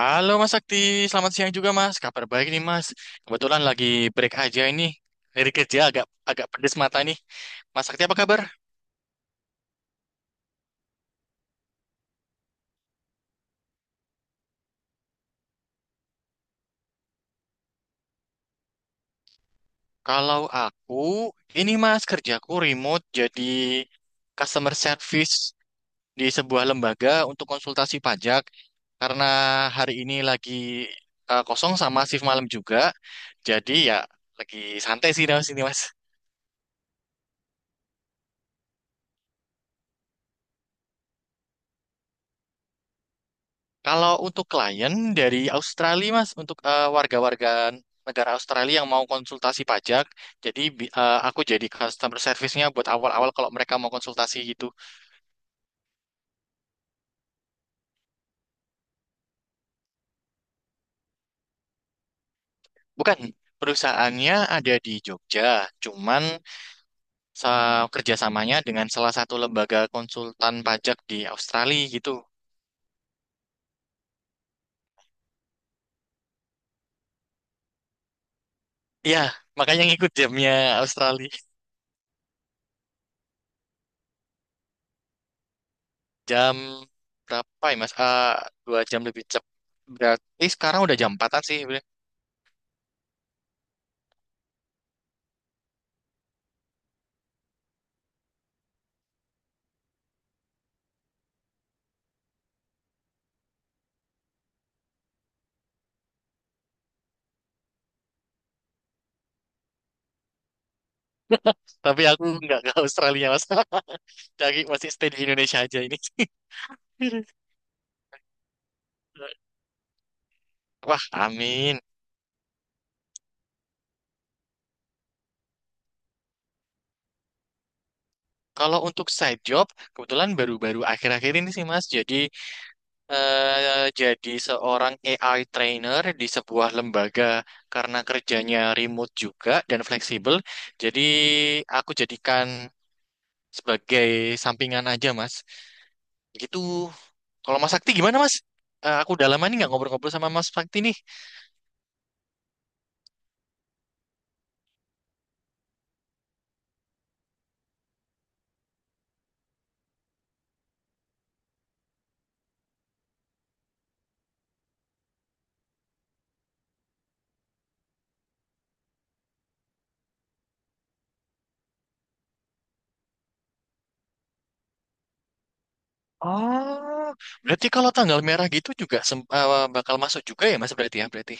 Halo Mas Sakti, selamat siang juga Mas. Kabar baik nih Mas. Kebetulan lagi break aja ini. Dari kerja agak agak pedes mata nih. Mas Sakti apa kabar? Kalau aku, ini Mas kerjaku remote jadi customer service di sebuah lembaga untuk konsultasi pajak. Karena hari ini lagi kosong sama shift malam juga. Jadi ya lagi santai sih di sini Mas. Kalau untuk klien dari Australia, Mas, untuk warga-warga negara Australia yang mau konsultasi pajak, jadi aku jadi customer service-nya buat awal-awal kalau mereka mau konsultasi gitu. Bukan, perusahaannya ada di Jogja, cuman kerjasamanya dengan salah satu lembaga konsultan pajak di Australia gitu. Iya, makanya ngikut jamnya Australia. Jam berapa ya, Mas? Dua jam lebih cepat. Berarti sekarang udah jam empatan sih. Tapi aku nggak ke Australia mas. Dari masih stay di Indonesia aja ini. Wah, amin. Kalau untuk side job, kebetulan baru-baru akhir-akhir ini sih Mas, jadi seorang AI trainer di sebuah lembaga karena kerjanya remote juga dan fleksibel. Jadi aku jadikan sebagai sampingan aja Mas. Gitu. Kalau Mas Sakti gimana Mas? Aku udah lama nih nggak ngobrol-ngobrol sama Mas Sakti nih. Oh, berarti kalau tanggal merah gitu juga bakal masuk juga ya Mas berarti ya berarti.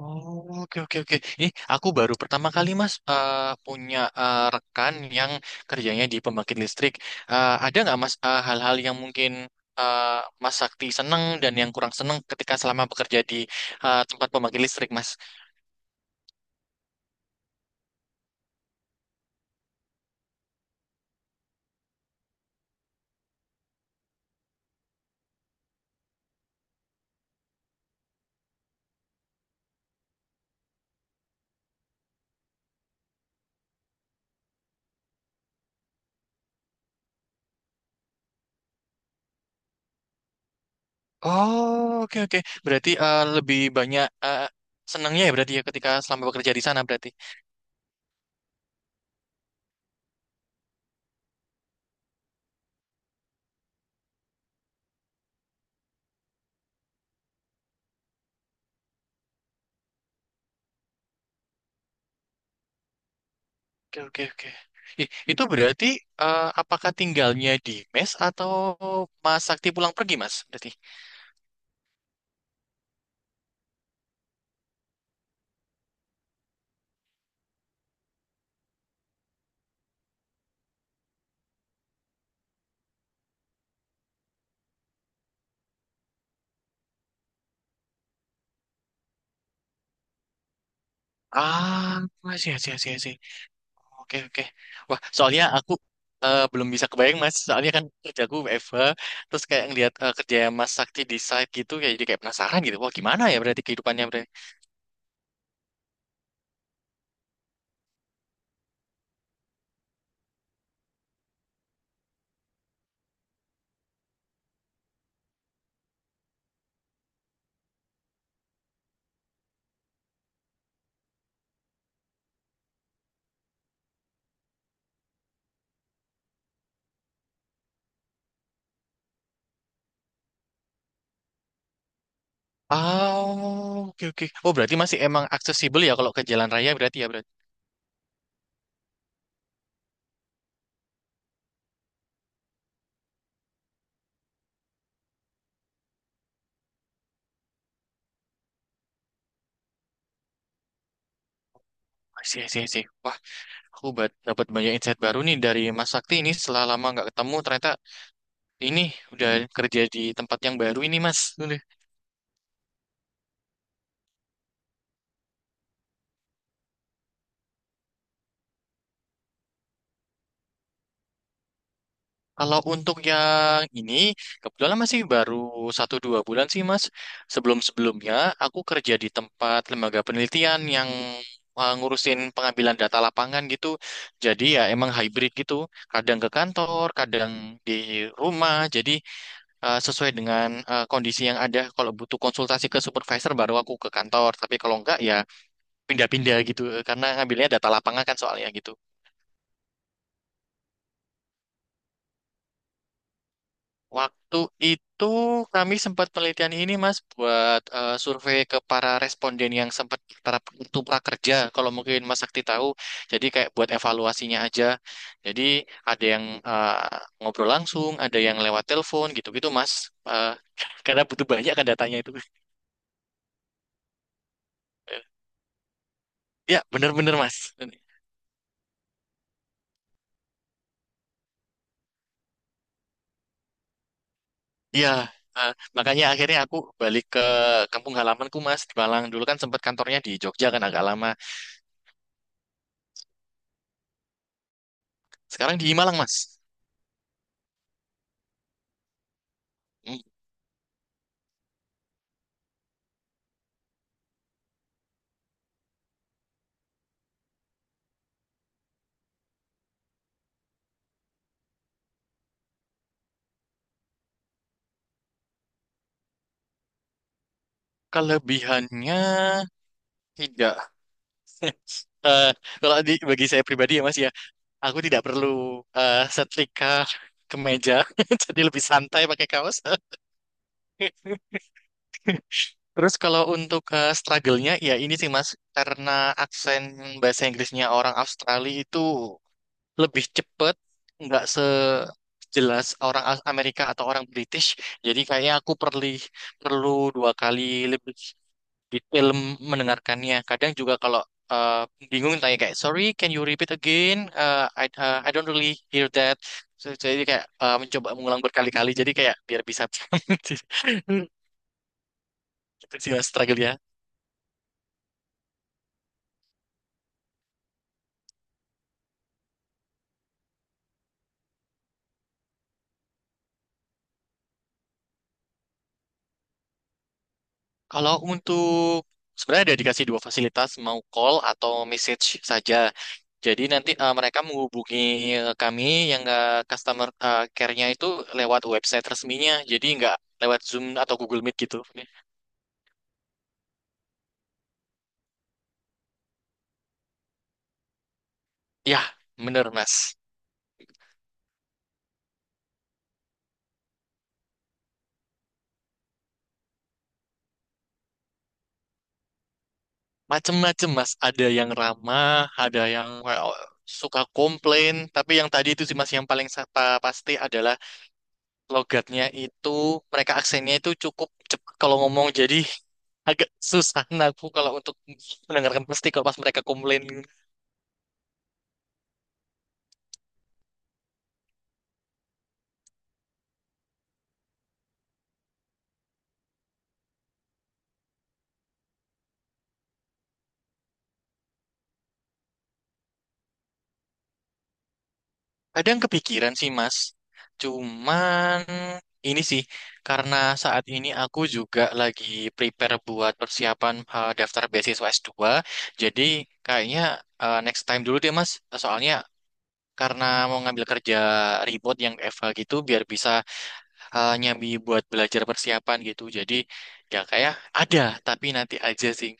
Oh, oke, oke, oke. Ini aku baru pertama kali Mas punya rekan yang kerjanya di pembangkit listrik. Ada nggak Mas hal-hal yang mungkin Mas Sakti seneng dan yang kurang seneng ketika selama bekerja di tempat pembangkit listrik Mas? Oh, oke, oke. Berarti lebih banyak senengnya ya berarti ya ketika selama bekerja di sana berarti. Oke, oke, oke. Ih, itu berarti apakah tinggalnya di mes atau Mas Sakti pulang pergi, Mas? Berarti. Ah, sih, sih, sih, sih. Oke, oke. Wah, soalnya aku belum bisa kebayang, Mas. Soalnya kan kerjaku WFH, terus kayak ngeliat kerja Mas Sakti di site gitu, kayak jadi kayak penasaran gitu. Wah, gimana ya berarti kehidupannya berarti? Oh, oke, oke. Oh, berarti masih emang aksesibel ya kalau ke jalan raya berarti ya berarti. Sih, sih, sih. Wah, aku dapat banyak insight baru nih dari Mas Sakti ini setelah lama nggak ketemu ternyata ini udah kerja di tempat yang baru ini Mas. Udah. Kalau untuk yang ini, kebetulan masih baru satu dua bulan sih Mas. Sebelum-sebelumnya aku kerja di tempat lembaga penelitian yang ngurusin pengambilan data lapangan gitu. Jadi ya emang hybrid gitu. Kadang ke kantor, kadang di rumah. Jadi sesuai dengan kondisi yang ada. Kalau butuh konsultasi ke supervisor baru aku ke kantor. Tapi kalau enggak ya pindah-pindah gitu. Karena ngambilnya data lapangan kan soalnya gitu. Waktu itu kami sempat penelitian ini Mas buat survei ke para responden yang sempat para itu prakerja kalau mungkin Mas Sakti tahu. Jadi kayak buat evaluasinya aja. Jadi ada yang ngobrol langsung, ada yang lewat telepon gitu-gitu Mas. Eh, karena butuh banyak kan datanya itu. Ya, bener-bener Mas. Iya, eh, makanya akhirnya aku balik ke kampung halamanku Mas di Malang. Dulu kan sempat kantornya di Jogja kan agak lama. Sekarang di Malang Mas. Kelebihannya tidak. Eh, Kalau bagi saya pribadi ya Mas ya, aku tidak perlu setrika kemeja, jadi lebih santai pakai kaos. Terus kalau untuk struggle-nya, ya ini sih Mas, karena aksen bahasa Inggrisnya orang Australia itu lebih cepet, nggak sejelas orang Amerika atau orang British. Jadi kayaknya aku perlu dua kali lebih detail mendengarkannya. Kadang juga kalau eh, bingung tanya kayak sorry can you repeat again? I don't really hear that. So, jadi kayak mencoba mengulang berkali-kali jadi kayak biar bisa paham. Itu sih mas struggle ya. Kalau untuk sebenarnya ada dikasih dua fasilitas mau call atau message saja. Jadi nanti mereka menghubungi kami yang customer care-nya itu lewat website resminya. Jadi nggak lewat Zoom atau Google Meet gitu. Ya, bener Mas. Macem-macem mas, ada yang ramah, ada yang kayak, oh, suka komplain, tapi yang tadi itu sih mas yang paling pasti adalah logatnya itu, mereka aksennya itu cukup cepat kalau ngomong, jadi agak susah aku kalau untuk mendengarkan pasti kalau pas mereka komplain. Ada yang kepikiran sih, Mas. Cuman ini sih, karena saat ini aku juga lagi prepare buat persiapan daftar beasiswa S2. Jadi kayaknya next time dulu deh, Mas. Soalnya karena mau ngambil kerja remote yang FH gitu, biar bisa nyambi buat belajar persiapan gitu. Jadi ya kayak ada, tapi nanti aja sih.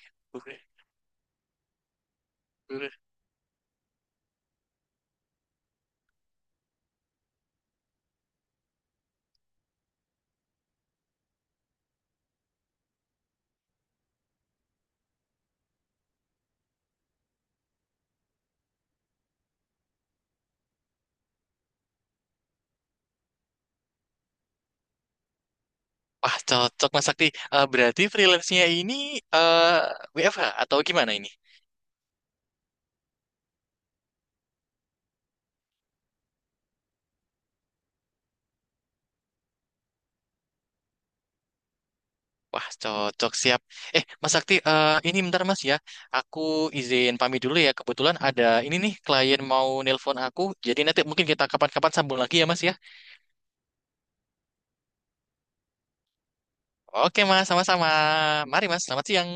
Wah, cocok Mas Sakti. Berarti freelance-nya ini eh, WFH atau gimana ini? Wah, cocok siap. Mas Sakti, ini bentar Mas ya. Aku izin pamit dulu ya. Kebetulan ada ini nih klien mau nelpon aku. Jadi nanti mungkin kita kapan-kapan sambung lagi ya Mas ya. Oke Mas, sama-sama. Mari Mas, selamat siang.